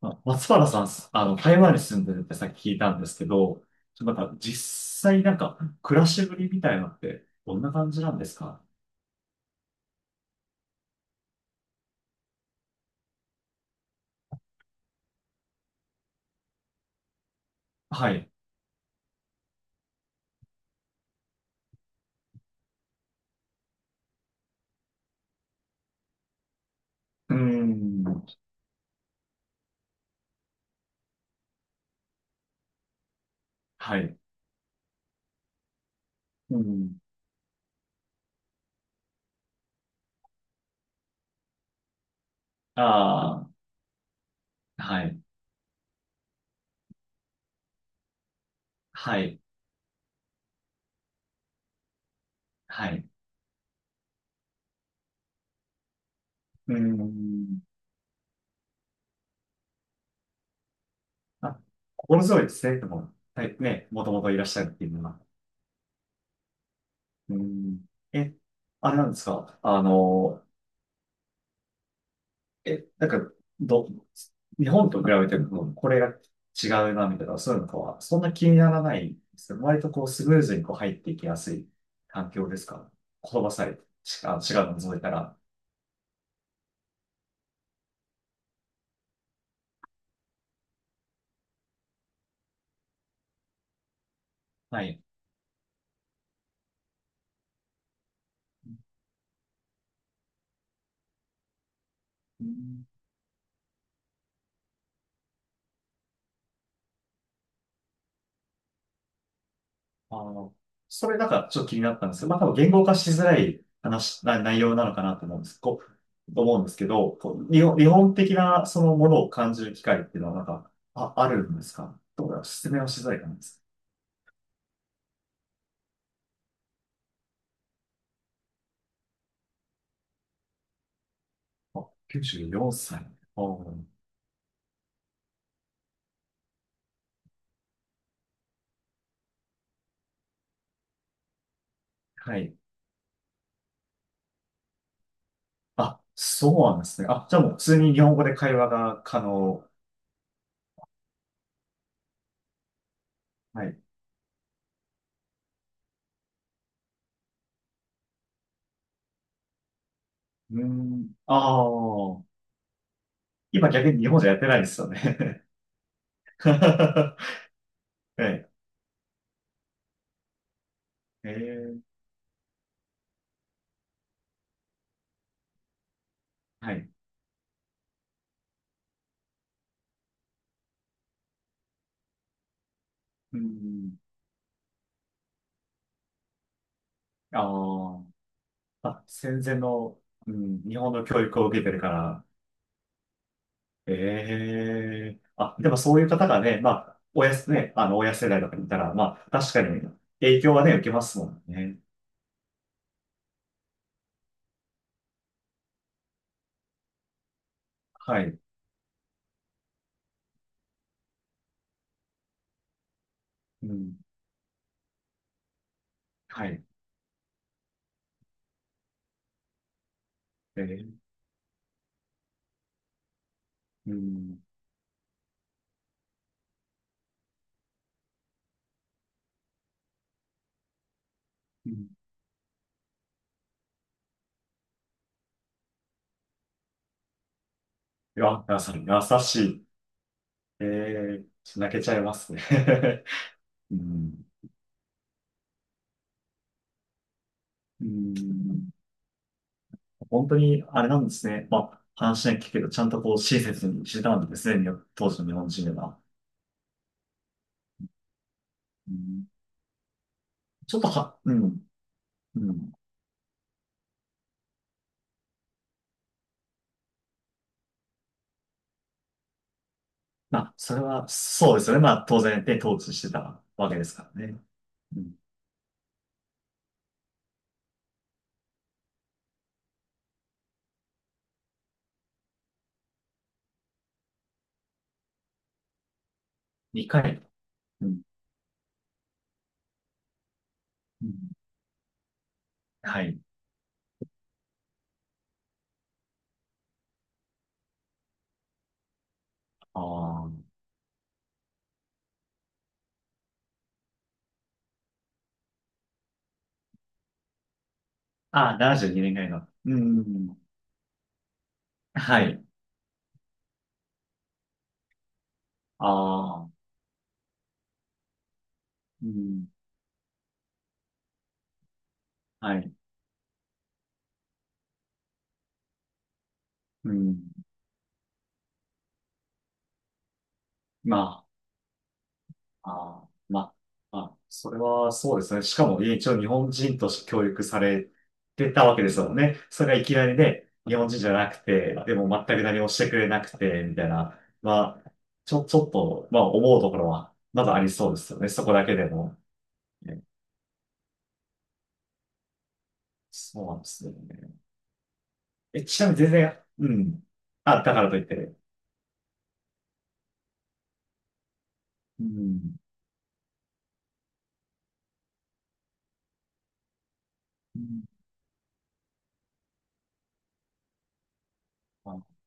あ、松原さん、台湾に住んでるってさっき聞いたんですけど、なんか実際なんか暮らしぶりみたいなのってどんな感じなんですか？はい。うーん。はい。うん。ああ、はい。はい。はい。うーん。あ、心強いですね。でも、はい、ね、もともといらっしゃるっていうのは。うーん。え、あれなんですか？なんか、ど、日本と比べても、これが違うな、みたいな、そういうのとは、そんな気にならないんですよ。割とスムーズに入っていきやすい環境ですか？言葉さえ、違うの除いたら。はい。うん。あの、それなんかちょっと気になったんですけど、まあ多分言語化しづらい話、な内容なのかなと思うんです。と思うんですけど、こう、日本的なそのものを感じる機会っていうのはなんか、あ、あるんですか？どうだろう、説明はしづらいかなんです。あ、94歳。あー、はい。あ、そうなんですね。あ、じゃあもう普通に日本語で会話が可能。はい。うーん。ああ。今逆に日本じゃやってないですよね。はい。えー、はい。うん。ああ。あ、戦前の、うん、日本の教育を受けてるから。ええ、あ、でもそういう方がね、まあ、ね、親世代とかにいたら、まあ、確かに影響はね、受けますもんね。はい。うん。はい。えー、うん。うん、いや、なさん、優しい。えー、泣けちゃいますね。うん。うん。本当に、あれなんですね。まあ、話は聞くけど、ちゃんとこう、親切にしてたんですね、当時の日本人は。うん、ちょっとは、うん。うん。まあ、それは、そうですよね。まあ、当然、ね、統治してたわけですからね。うん。2回。うん。うん、はい。ああ、あー、72年ぐらいの。うん。はい。ああ、うん。はい。うん。まあ、あー、まあ、まあ、それはそうですね。しかも、一応日本人として教育されてたわけですもんね。それがいきなりね、日本人じゃなくて、でも全く何もしてくれなくて、みたいな。まあ、ちょっと、まあ、思うところは、まだありそうですよね。そこだけでも。ね、そうなんですよね。え、ちなみに全然、うん。あ、だからといって。うん。うん、あ、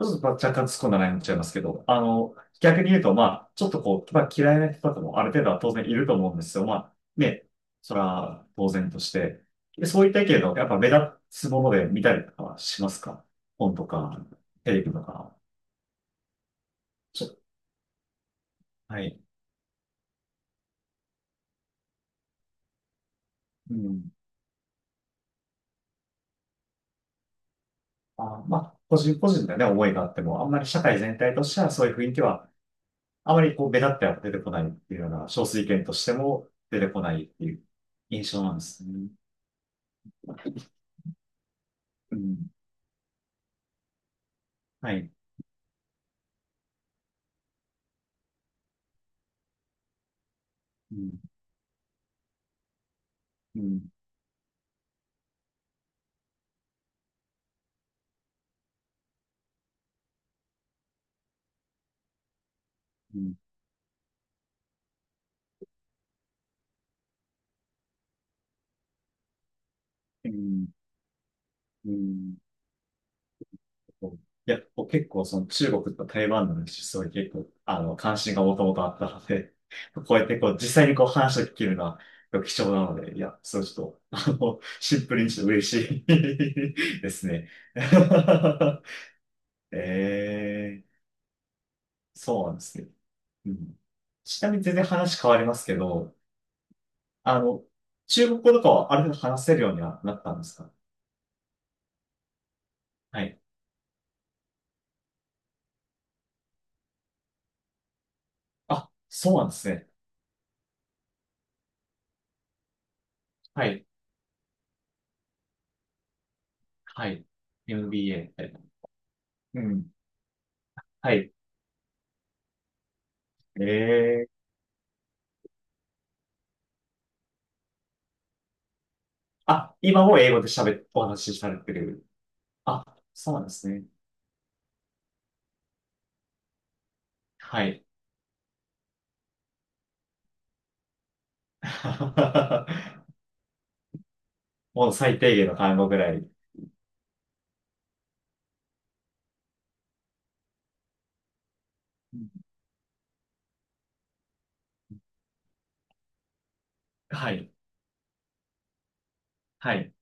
ちょっと若干突っ込んだ内容になっちゃいますけど、逆に言うと、まあ、ちょっとこう、まあ、嫌いな人とかもある程度は当然いると思うんですよ。まあ、ね、それは当然として。で、そういった意見の、やっぱ目立つもので見たりとかはしますか？本とか、テレビとか。ちょっと、はい。うん。あ、まあ、個人個人でね、思いがあっても、あんまり社会全体としてはそういう雰囲気は、あまりこう、目立っては出てこないっていうような、少数意見としても出てこないっていう印象なんですね。うん。はい。うん。うん、うん、うん、うん、そう、いや、僕結構その中国と台湾の話、すごい結構、関心がもともとあったので、こうやってこう、実際にこう話を聞けるのは貴重なので、いや、それちょっと、シンプルにして嬉しい ですね。えー、そうなんですね。うん。ちなみに全然話変わりますけど、あの、中国語とかはある程度話せるようにはなったんですか？はい。あ、そうなんですね。はい。はい。MBA って。うん。はい。ええ、あ、今も英語で喋っ、お話しされてる。あ、そうなんですね。はい。もう最低限の単語ぐらい。うん、はい。はい。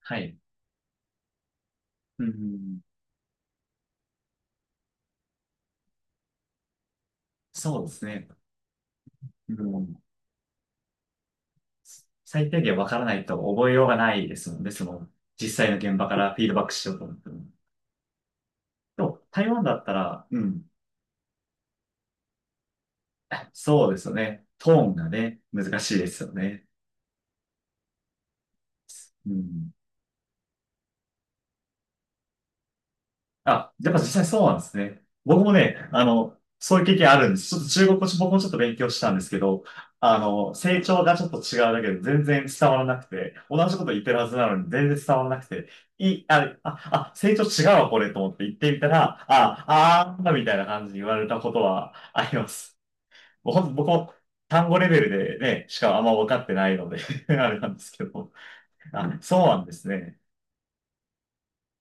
はい。うん。そうですね。うん。最低限わからないと覚えようがないですもんね。その、実際の現場からフィードバックしようと思っても。でも、台湾だったら、うん。そうですよね。トーンがね、難しいですよね。うん。あ、やっぱ実際そうなんですね。僕もね、そういう経験あるんです。ちょっと中国語、僕もちょっと勉強したんですけど、成長がちょっと違うだけで全然伝わらなくて、同じこと言ってるはずなのに全然伝わらなくて、い、あ、あ、あ、成長違うわ、これと思って言ってみたら、あ、あー、みたいな感じに言われたことはあります。もう本当僕も単語レベルでね、しかあんま分かってないので あれなんですけど、あ、そうなんですね。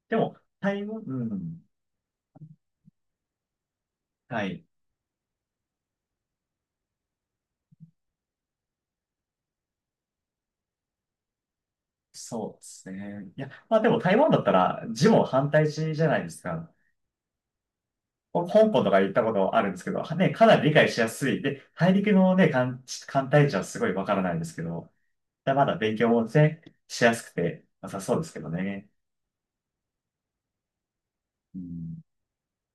でも、タイム、うん、はい。そうですね。いや、まあでも台湾だったら字も反対字じゃないですか。香港とか行ったことあるんですけど、ね、かなり理解しやすい。で、大陸のね、簡体字はすごいわからないんですけど、だまだ勉強もね、しやすくて良さそうですけどね。うん